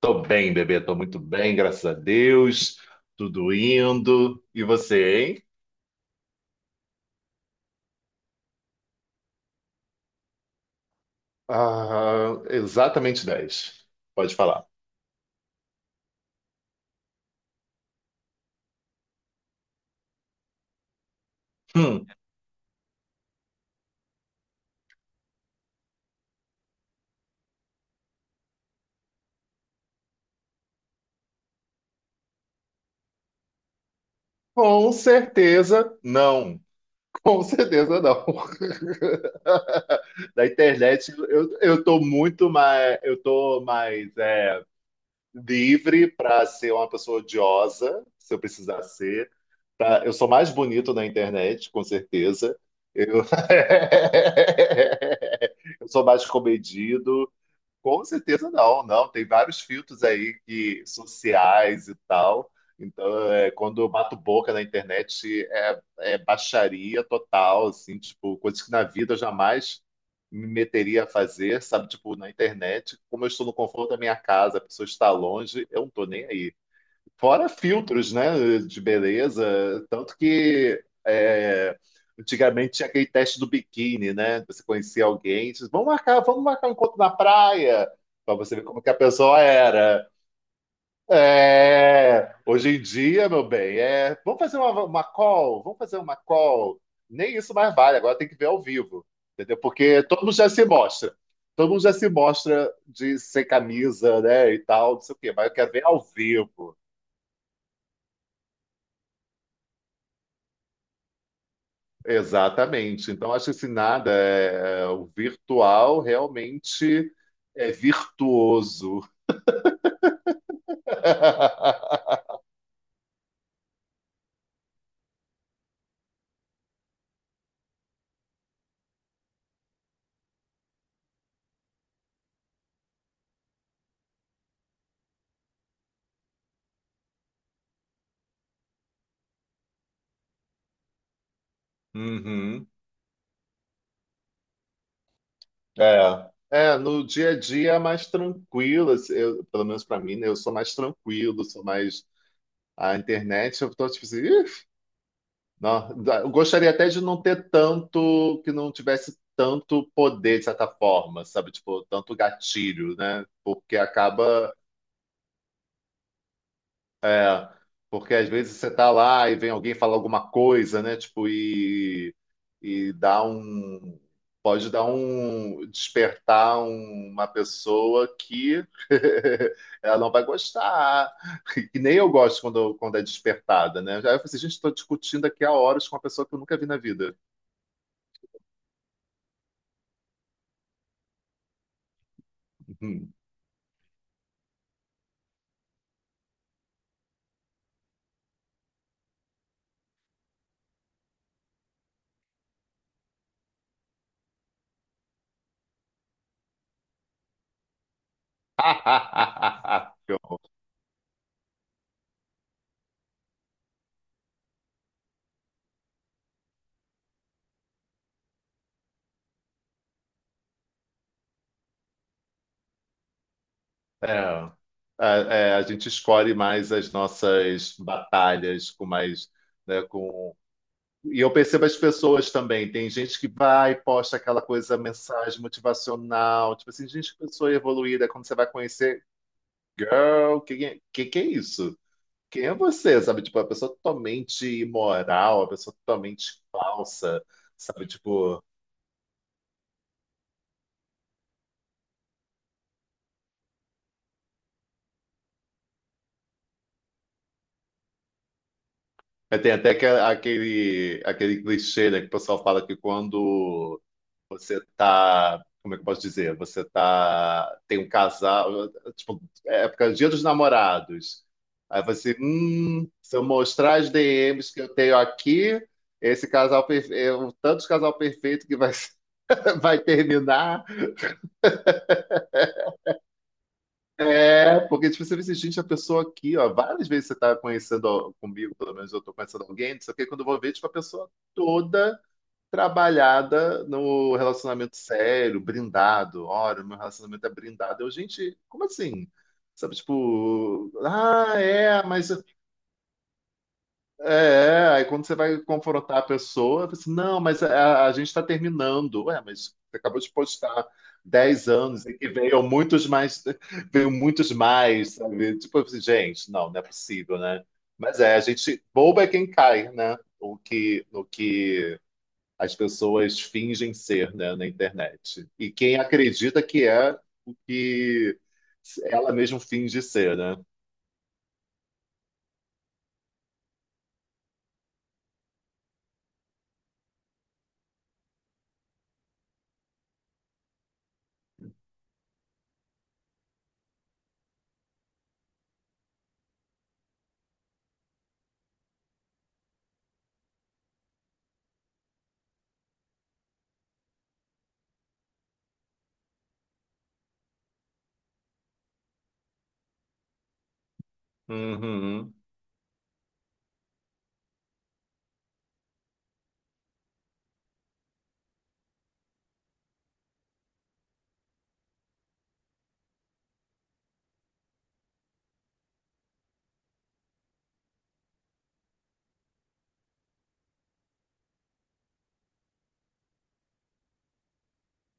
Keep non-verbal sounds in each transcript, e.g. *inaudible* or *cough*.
Tô bem, bebê, tô muito bem, graças a Deus. Tudo indo. E você, hein? Ah, exatamente 10. Pode falar. Hum, com certeza não. *laughs* Com certeza não. *laughs* Da internet eu tô muito mais, eu tô mais livre para ser uma pessoa odiosa, se eu precisar ser. Tá? Eu sou mais bonito na internet, com certeza. Eu, *laughs* eu sou mais comedido. Com certeza não, não. Tem vários filtros aí que sociais e tal. Então, quando eu bato boca na internet, é baixaria total, assim, tipo, coisas que na vida eu jamais me meteria a fazer, sabe? Tipo, na internet, como eu estou no conforto da minha casa, a pessoa está longe, eu não estou nem aí. Fora filtros, né, de beleza, tanto que antigamente tinha aquele teste do biquíni, né? Você conhecia alguém, diz, vamos marcar um encontro na praia, para você ver como que a pessoa era. É, hoje em dia, meu bem, é, vamos fazer uma call. Nem isso mais vale, agora tem que ver ao vivo, entendeu? Porque todo mundo já se mostra. Todo mundo já se mostra de sem camisa, né, e tal, não sei o quê, mas eu quero ver ao vivo. Exatamente. Então, acho que esse nada o virtual realmente é virtuoso. *laughs* Uhum. É. É, no dia a dia é mais tranquilo, assim, eu- pelo menos para mim, né? Eu sou mais tranquilo, sou mais. A internet, eu tô tipo assim, "Ih, não, dá- eu gostaria até de não ter tanto, que não tivesse tanto poder, de certa forma, sabe? Tipo, tanto gatilho, né? Porque acaba. É, porque às vezes você tá lá e vem alguém falar alguma coisa, né? Tipo, e dá um. Pode dar um. Despertar um- uma pessoa que *laughs* ela não vai gostar. Que nem eu gosto quando é despertada, né? Aí eu falei assim, gente, estou discutindo aqui há horas com uma pessoa que eu nunca vi na vida. Uhum. *laughs* É. É, é, a gente escolhe mais as nossas batalhas com mais, né, com E eu percebo as pessoas também. Tem gente que vai e posta aquela coisa, mensagem motivacional. Tipo assim, gente, que pessoa evoluída. Quando você vai conhecer, girl, que é isso? Quem é você? Sabe? Tipo, a pessoa totalmente imoral, a pessoa totalmente falsa. Sabe? Tipo, é, tem até aquele, aquele clichê, né, que o pessoal fala que quando você tá, como é que eu posso dizer? Você tá, tem um casal, tipo, época, Dia dos Namorados. Aí você, se eu mostrar as DMs que eu tenho aqui, esse casal perfeito, tanto de casal perfeito que vai, *laughs* vai terminar. É, porque tipo, você vê assim, gente, a pessoa aqui, ó, várias vezes você tá conhecendo ó, comigo, pelo menos eu tô conhecendo alguém, não sei o que, quando eu vou ver, tipo, a pessoa toda trabalhada no relacionamento sério, brindado. Ora, meu relacionamento é brindado. Eu, gente, como assim? Sabe, tipo, ah, é, mas. É, é. Aí quando você vai confrontar a pessoa, você, não, mas a gente está terminando. Ué, mas você acabou de postar 10 anos e que veio muitos mais, *laughs* veio muitos mais, sabe? Tipo assim, gente, não, não é possível, né? Mas é, a gente, bobo é quem cai, né? O que as pessoas fingem ser, né, na internet. E quem acredita que é o que ela mesma finge ser, né? Uhum.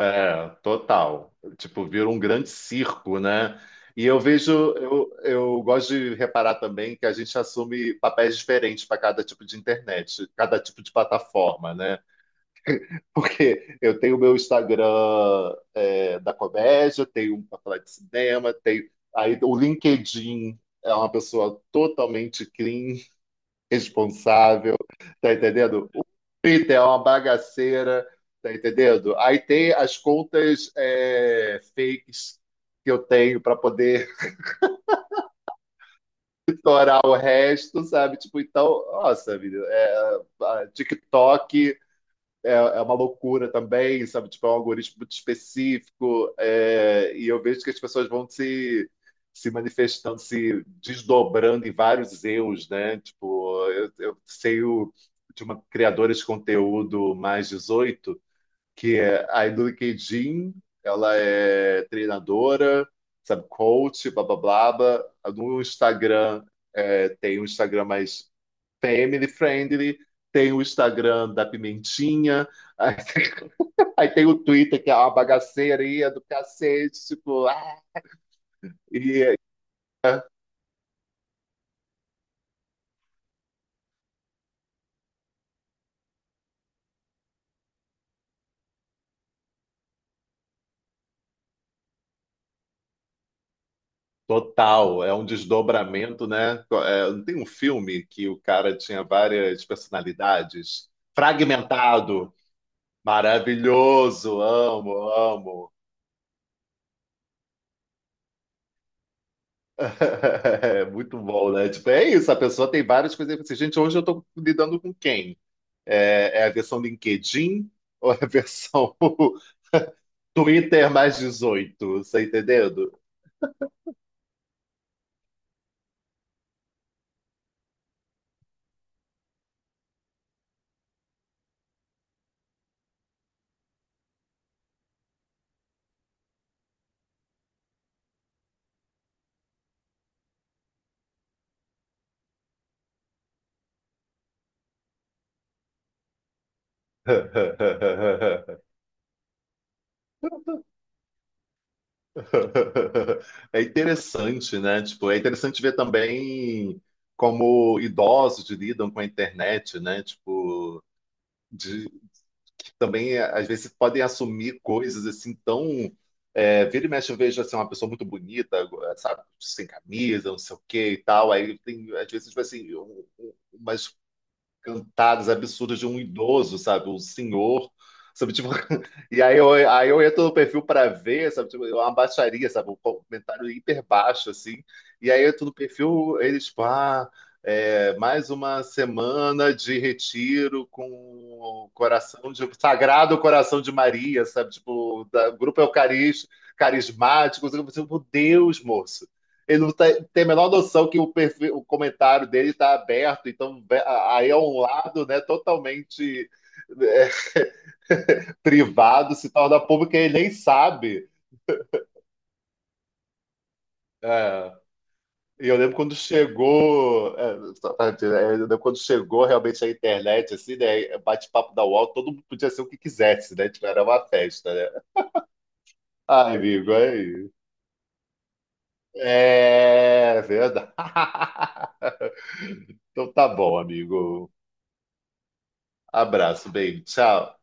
É, total. Tipo, vira um grande circo, né? E eu vejo, eu gosto de reparar também que a gente assume papéis diferentes para cada tipo de internet, cada tipo de plataforma, né? Porque eu tenho o meu Instagram da comédia, tenho um pra falar de cinema, tenho. Aí o LinkedIn é uma pessoa totalmente clean, *laughs* responsável, tá entendendo? O Twitter é uma bagaceira, tá entendendo? Aí tem as contas é, fakes que eu tenho para poder *laughs* orar o resto, sabe? Tipo, então, nossa, vida, é, a TikTok. É, é uma loucura também, sabe? Tipo, é um algoritmo muito específico, é, e eu vejo que as pessoas vão se manifestando, se desdobrando em vários eus, né? Tipo, eu sei o, de uma criadora de conteúdo mais 18, que é a LinkedIn, ela é treinadora, sabe, coach, blá blá blá. Blá. No Instagram, é, tem um Instagram mais Family Friendly, tem o Instagram da Pimentinha, aí, *laughs* aí tem o Twitter, que é uma bagaceirinha do cacete, tipo, ah, e é total, é um desdobramento, né? É, não tem um filme que o cara tinha várias personalidades? Fragmentado, maravilhoso, amo, amo. *laughs* É muito bom, né? Tipo, é isso, a pessoa tem várias coisas. Assim, gente, hoje eu tô lidando com quem? É, é a versão LinkedIn ou é a versão Twitter mais 18, você entendendo? *laughs* É interessante, né? Tipo, é interessante ver também como idosos lidam com a internet, né? Tipo, de, que também às vezes podem assumir coisas assim tão é, vira e mexe, eu vejo assim, uma pessoa muito bonita, sabe, sem camisa, não sei o quê e tal. Aí tem, às vezes, tipo assim, umas cantadas absurdas de um idoso, sabe? Um senhor, sabe? Tipo, *laughs* e aí eu entro no perfil para ver, sabe? Tipo, é uma baixaria, sabe? Um comentário hiper baixo, assim. E aí eu entro no perfil, eles, tipo, ah, é, mais uma semana de retiro com o coração de, sagrado coração de Maria, sabe? Tipo, da, grupo eucarístico, carismático. Sabe? Eu, falei, Meu Deus, moço, ele não tá, tem a menor noção que o, perfil, o comentário dele está aberto, então aí é um lado né, totalmente é, privado, se torna público e ele nem sabe. É. E eu lembro quando chegou, realmente a internet, assim, né? Bate-papo da UOL, todo mundo podia ser o que quisesse, né? Tipo, era uma festa, né? Ai, amigo, aí. É é verdade. *laughs* Então tá bom, amigo. Abraço, bem, tchau.